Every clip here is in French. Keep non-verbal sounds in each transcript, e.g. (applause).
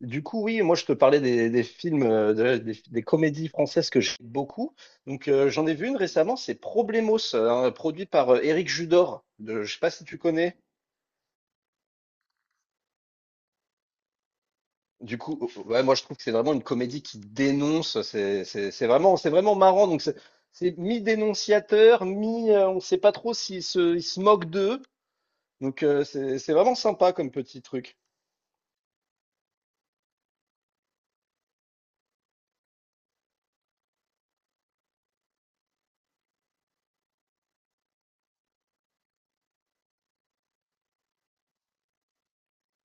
Du coup, oui, moi je te parlais des films, des comédies françaises que j'aime beaucoup. Donc j'en ai vu une récemment, c'est Problemos, produit par Éric Judor. Je sais pas si tu connais. Du coup, ouais, moi je trouve que c'est vraiment une comédie qui dénonce. C'est vraiment marrant. Donc c'est mi-dénonciateur, mi, on sait pas trop ils se moquent d'eux. Donc c'est vraiment sympa comme petit truc.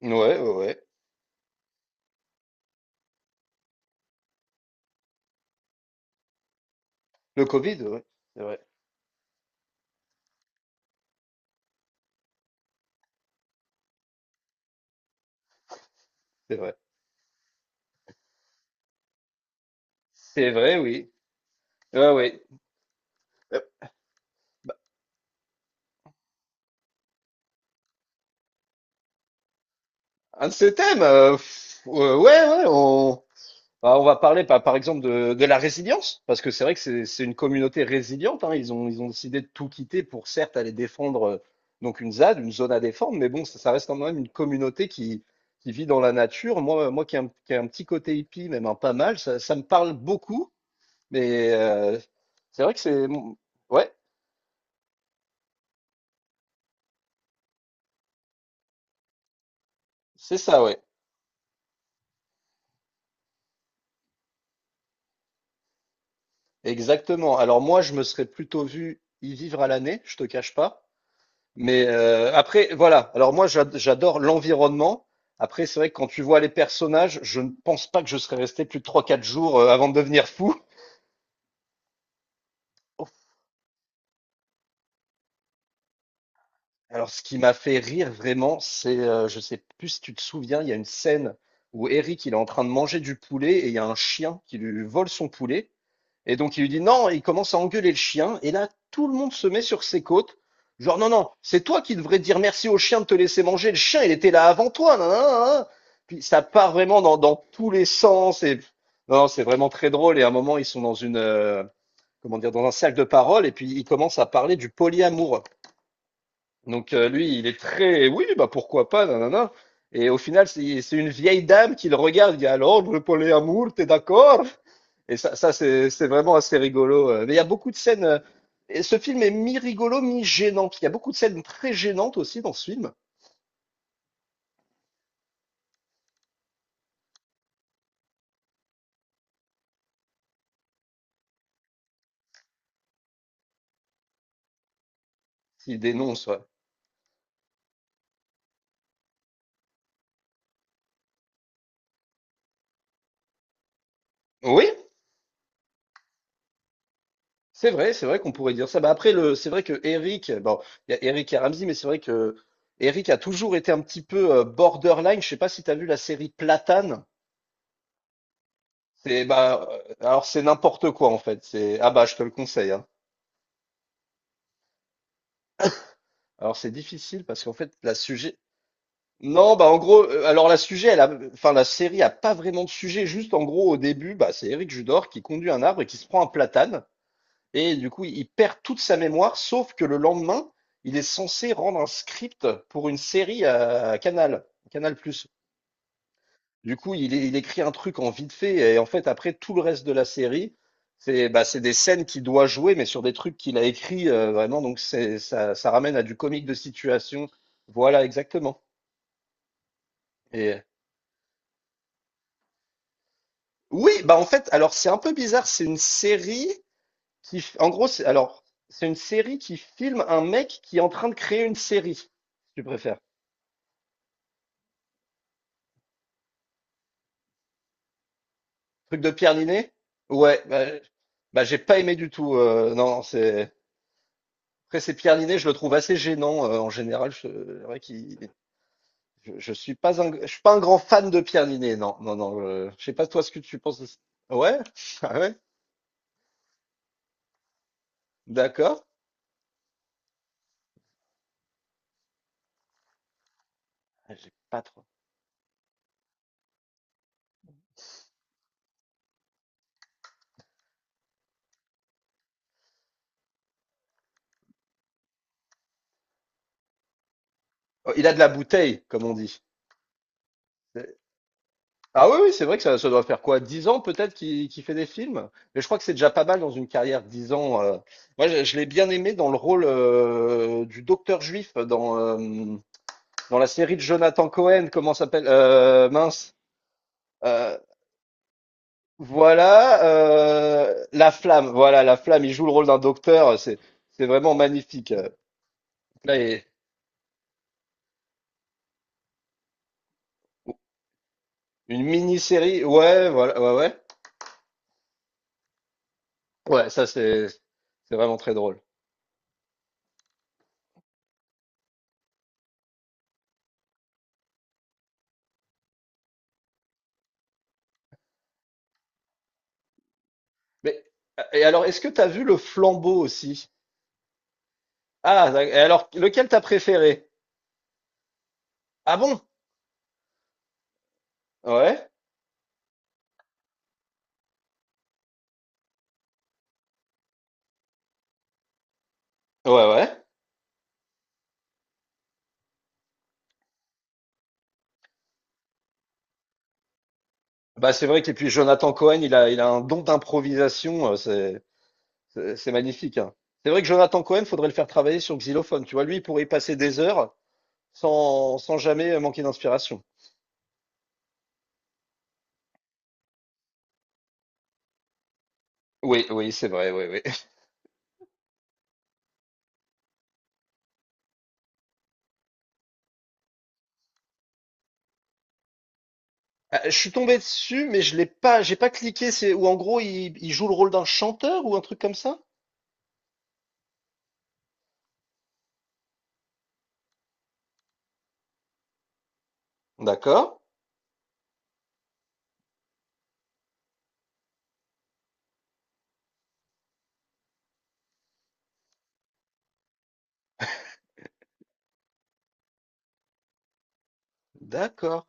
Ouais, ouais, ouais. Le Covid, ouais. C'est vrai, c'est vrai. C'est vrai, oui. Ouais, ouais. Euh, Un de ces thèmes, ouais, ouais, bah, on va parler par exemple de la résilience, parce que c'est vrai que c'est une communauté résiliente, hein, ils ont décidé de tout quitter pour certes aller défendre donc une ZAD, une zone à défendre, mais bon, ça reste quand même une communauté qui vit dans la nature. Moi, moi qui ai un petit côté hippie, même un pas mal, ça me parle beaucoup, mais c'est vrai que c'est. Ouais, c'est ça, ouais, exactement. Alors moi, je me serais plutôt vu y vivre à l'année, je te cache pas. Mais après, voilà. Alors moi, j'adore l'environnement. Après, c'est vrai que quand tu vois les personnages, je ne pense pas que je serais resté plus de trois, quatre jours avant de devenir fou. Alors, ce qui m'a fait rire vraiment, c'est, je sais plus si tu te souviens, il y a une scène où Eric, il est en train de manger du poulet et il y a un chien qui lui vole son poulet, et donc il lui dit: «Non», et il commence à engueuler le chien, et là, tout le monde se met sur ses côtes, genre: «Non, non, c'est toi qui devrais dire merci au chien de te laisser manger, le chien, il était là avant toi, nin, nin, nin, nin». Puis ça part vraiment dans tous les sens, et non, non, c'est vraiment très drôle, et à un moment, ils sont dans une, comment dire? Dans un cercle de parole, et puis ils commencent à parler du polyamour. Donc lui, il est très oui, bah pourquoi pas, nanana. Et au final, c'est une vieille dame qui le regarde, il y a alors le polyamour, t'es d'accord? Et ça c'est vraiment assez rigolo. Mais il y a beaucoup de scènes. Et ce film est mi-rigolo, mi-gênant. Il y a beaucoup de scènes très gênantes aussi dans ce film. S'il dénonce. Ouais. Oui, c'est vrai qu'on pourrait dire ça. Bah après, le, c'est vrai que Eric, bon, il y a Eric et Ramsey, mais c'est vrai que Eric a toujours été un petit peu borderline. Je sais pas si tu as vu la série Platane. C'est bah alors c'est n'importe quoi en fait. C'est ah bah je te le conseille hein. Alors c'est difficile parce qu'en fait la sujet, non, bah, en gros, alors la sujet elle a, enfin, la série a pas vraiment de sujet, juste, en gros, au début, bah c'est Eric Judor qui conduit un arbre et qui se prend un platane, et du coup il perd toute sa mémoire, sauf que le lendemain il est censé rendre un script pour une série à Canal+. Du coup, il écrit un truc en vite fait, et en fait, après, tout le reste de la série, bah, c'est des scènes qu'il doit jouer, mais sur des trucs qu'il a écrits, vraiment, donc c'est ça, ça ramène à du comique de situation. Voilà, exactement. Et oui, bah, en fait, alors, c'est un peu bizarre, c'est une série qui f en gros, c'est, alors, c'est une série qui filme un mec qui est en train de créer une série, si tu préfères. Truc de Pierre Niney? Ouais, bah, j'ai pas aimé du tout, non, c'est. Après, c'est Pierre Ninet, je le trouve assez gênant en général. C'est vrai qu'il- Je suis pas un grand fan de Pierre Ninet, non, non, non. Je sais pas toi ce que tu penses de ça. Ouais, (laughs) ah ouais, d'accord. Ah, j'ai pas trop. Oh, il a de la bouteille, comme on dit. C'est- Ah oui, oui, c'est vrai que ça doit faire quoi? 10 ans peut-être qu'il fait des films? Mais je crois que c'est déjà pas mal dans une carrière, 10 ans. Moi, je l'ai bien aimé dans le rôle du docteur juif dans, dans la série de Jonathan Cohen, comment ça s'appelle? Mince. Euh, Voilà, la flamme, voilà la flamme, il joue le rôle d'un docteur, c'est vraiment magnifique. Là, et une mini-série ouais, voilà, ouais, ouais. Ouais, ça c'est vraiment très drôle. Mais et alors est-ce que t'as vu Le Flambeau aussi? Ah da, et alors lequel t'as préféré? Ah bon? Ouais. Ouais, ouais. Bah, c'est vrai que puis Jonathan Cohen, il a un don d'improvisation, c'est magnifique, hein. C'est vrai que Jonathan Cohen, faudrait le faire travailler sur xylophone, tu vois? Lui, il pourrait y passer des heures, sans jamais manquer d'inspiration. Oui, oui, c'est vrai, oui, oui. Je suis tombé dessus, mais je l'ai pas, j'ai pas cliqué. C'est où en gros il joue le rôle d'un chanteur ou un truc comme ça? D'accord. D'accord.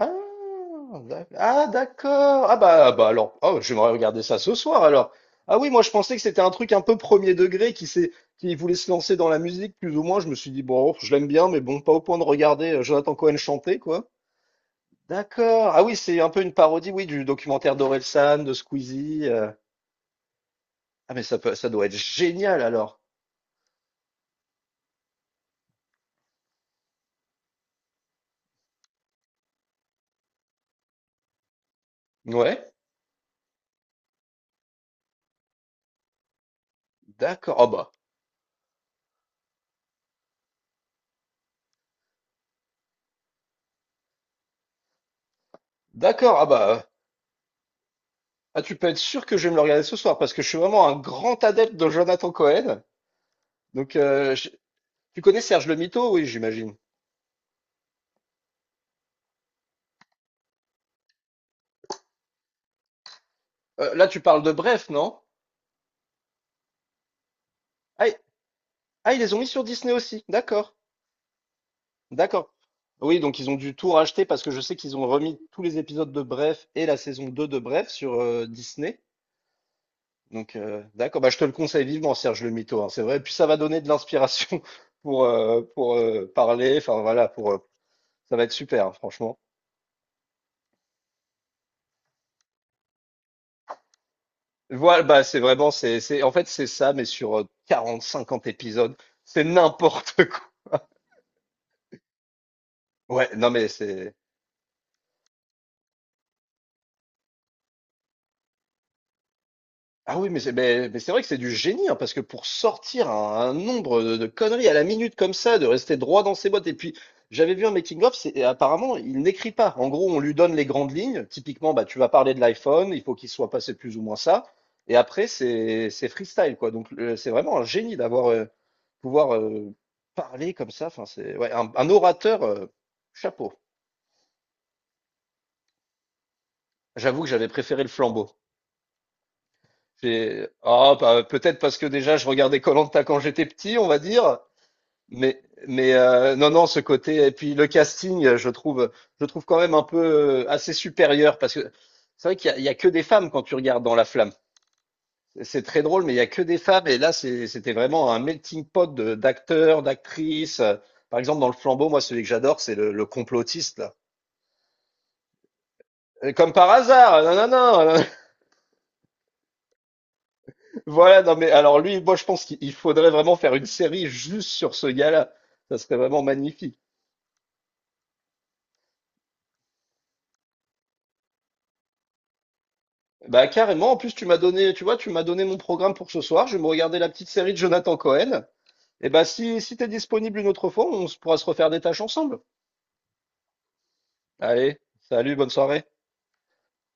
Ah, d'accord. Ah, bah alors, oh, j'aimerais regarder ça ce soir alors. Ah oui, moi je pensais que c'était un truc un peu premier degré qui voulait se lancer dans la musique plus ou moins. Je me suis dit bon, je l'aime bien, mais bon, pas au point de regarder Jonathan Cohen chanter quoi. D'accord. Ah oui, c'est un peu une parodie, oui, du documentaire d'Orelsan, de Squeezie. Ah mais ça doit être génial alors. Ouais, d'accord. Ah bah, d'accord. Ah bah, ah tu peux être sûr que je vais me le regarder ce soir parce que je suis vraiment un grand adepte de Jonathan Cohen. Donc, tu connais Serge le Mytho, oui, j'imagine. Là, tu parles de Bref, non? Ah, ils les ont mis sur Disney aussi. D'accord, d'accord. Oui, donc ils ont dû tout racheter parce que je sais qu'ils ont remis tous les épisodes de Bref et la saison 2 de Bref sur Disney. Donc, d'accord, bah, je te le conseille vivement, Serge le Mito, hein, c'est vrai. Puis ça va donner de l'inspiration (laughs) pour, parler. Enfin, voilà, pour, ça va être super, hein, franchement. Voilà, bah, c'est vraiment, en fait, c'est ça, mais sur 40, 50 épisodes. C'est n'importe (laughs) quoi. Ouais, non, mais c'est. Ah oui, mais c'est vrai que c'est du génie, hein, parce que pour sortir un nombre de conneries à la minute comme ça, de rester droit dans ses bottes, et puis j'avais vu un making of, c'est et apparemment il n'écrit pas. En gros, on lui donne les grandes lignes. Typiquement, bah tu vas parler de l'iPhone, il faut qu'il soit passé plus ou moins ça, et après c'est freestyle quoi. Donc c'est vraiment un génie d'avoir pouvoir parler comme ça. Enfin c'est ouais, un orateur chapeau. J'avoue que j'avais préféré le flambeau. Ah, bah, peut-être parce que déjà je regardais koh quand j'étais petit, on va dire. Mais, mais, non, non, ce côté. Et puis le casting, je trouve quand même un peu assez supérieur parce que c'est vrai qu'il y a que des femmes quand tu regardes dans La Flamme. C'est très drôle, mais il y a que des femmes. Et là, c'était vraiment un melting pot d'acteurs, d'actrices. Par exemple, dans Le Flambeau, moi, celui que j'adore, c'est le complotiste là. Et comme par hasard, non, non, non, non. (laughs) Voilà, non, mais alors lui, moi, je pense qu'il il faudrait vraiment faire une série juste sur ce gars-là. Ça serait vraiment magnifique. Bah carrément, en plus tu m'as donné, tu vois, tu m'as donné mon programme pour ce soir, je vais me regarder la petite série de Jonathan Cohen. Et bah si t'es disponible une autre fois, pourra se refaire des tâches ensemble. Allez, salut, bonne soirée.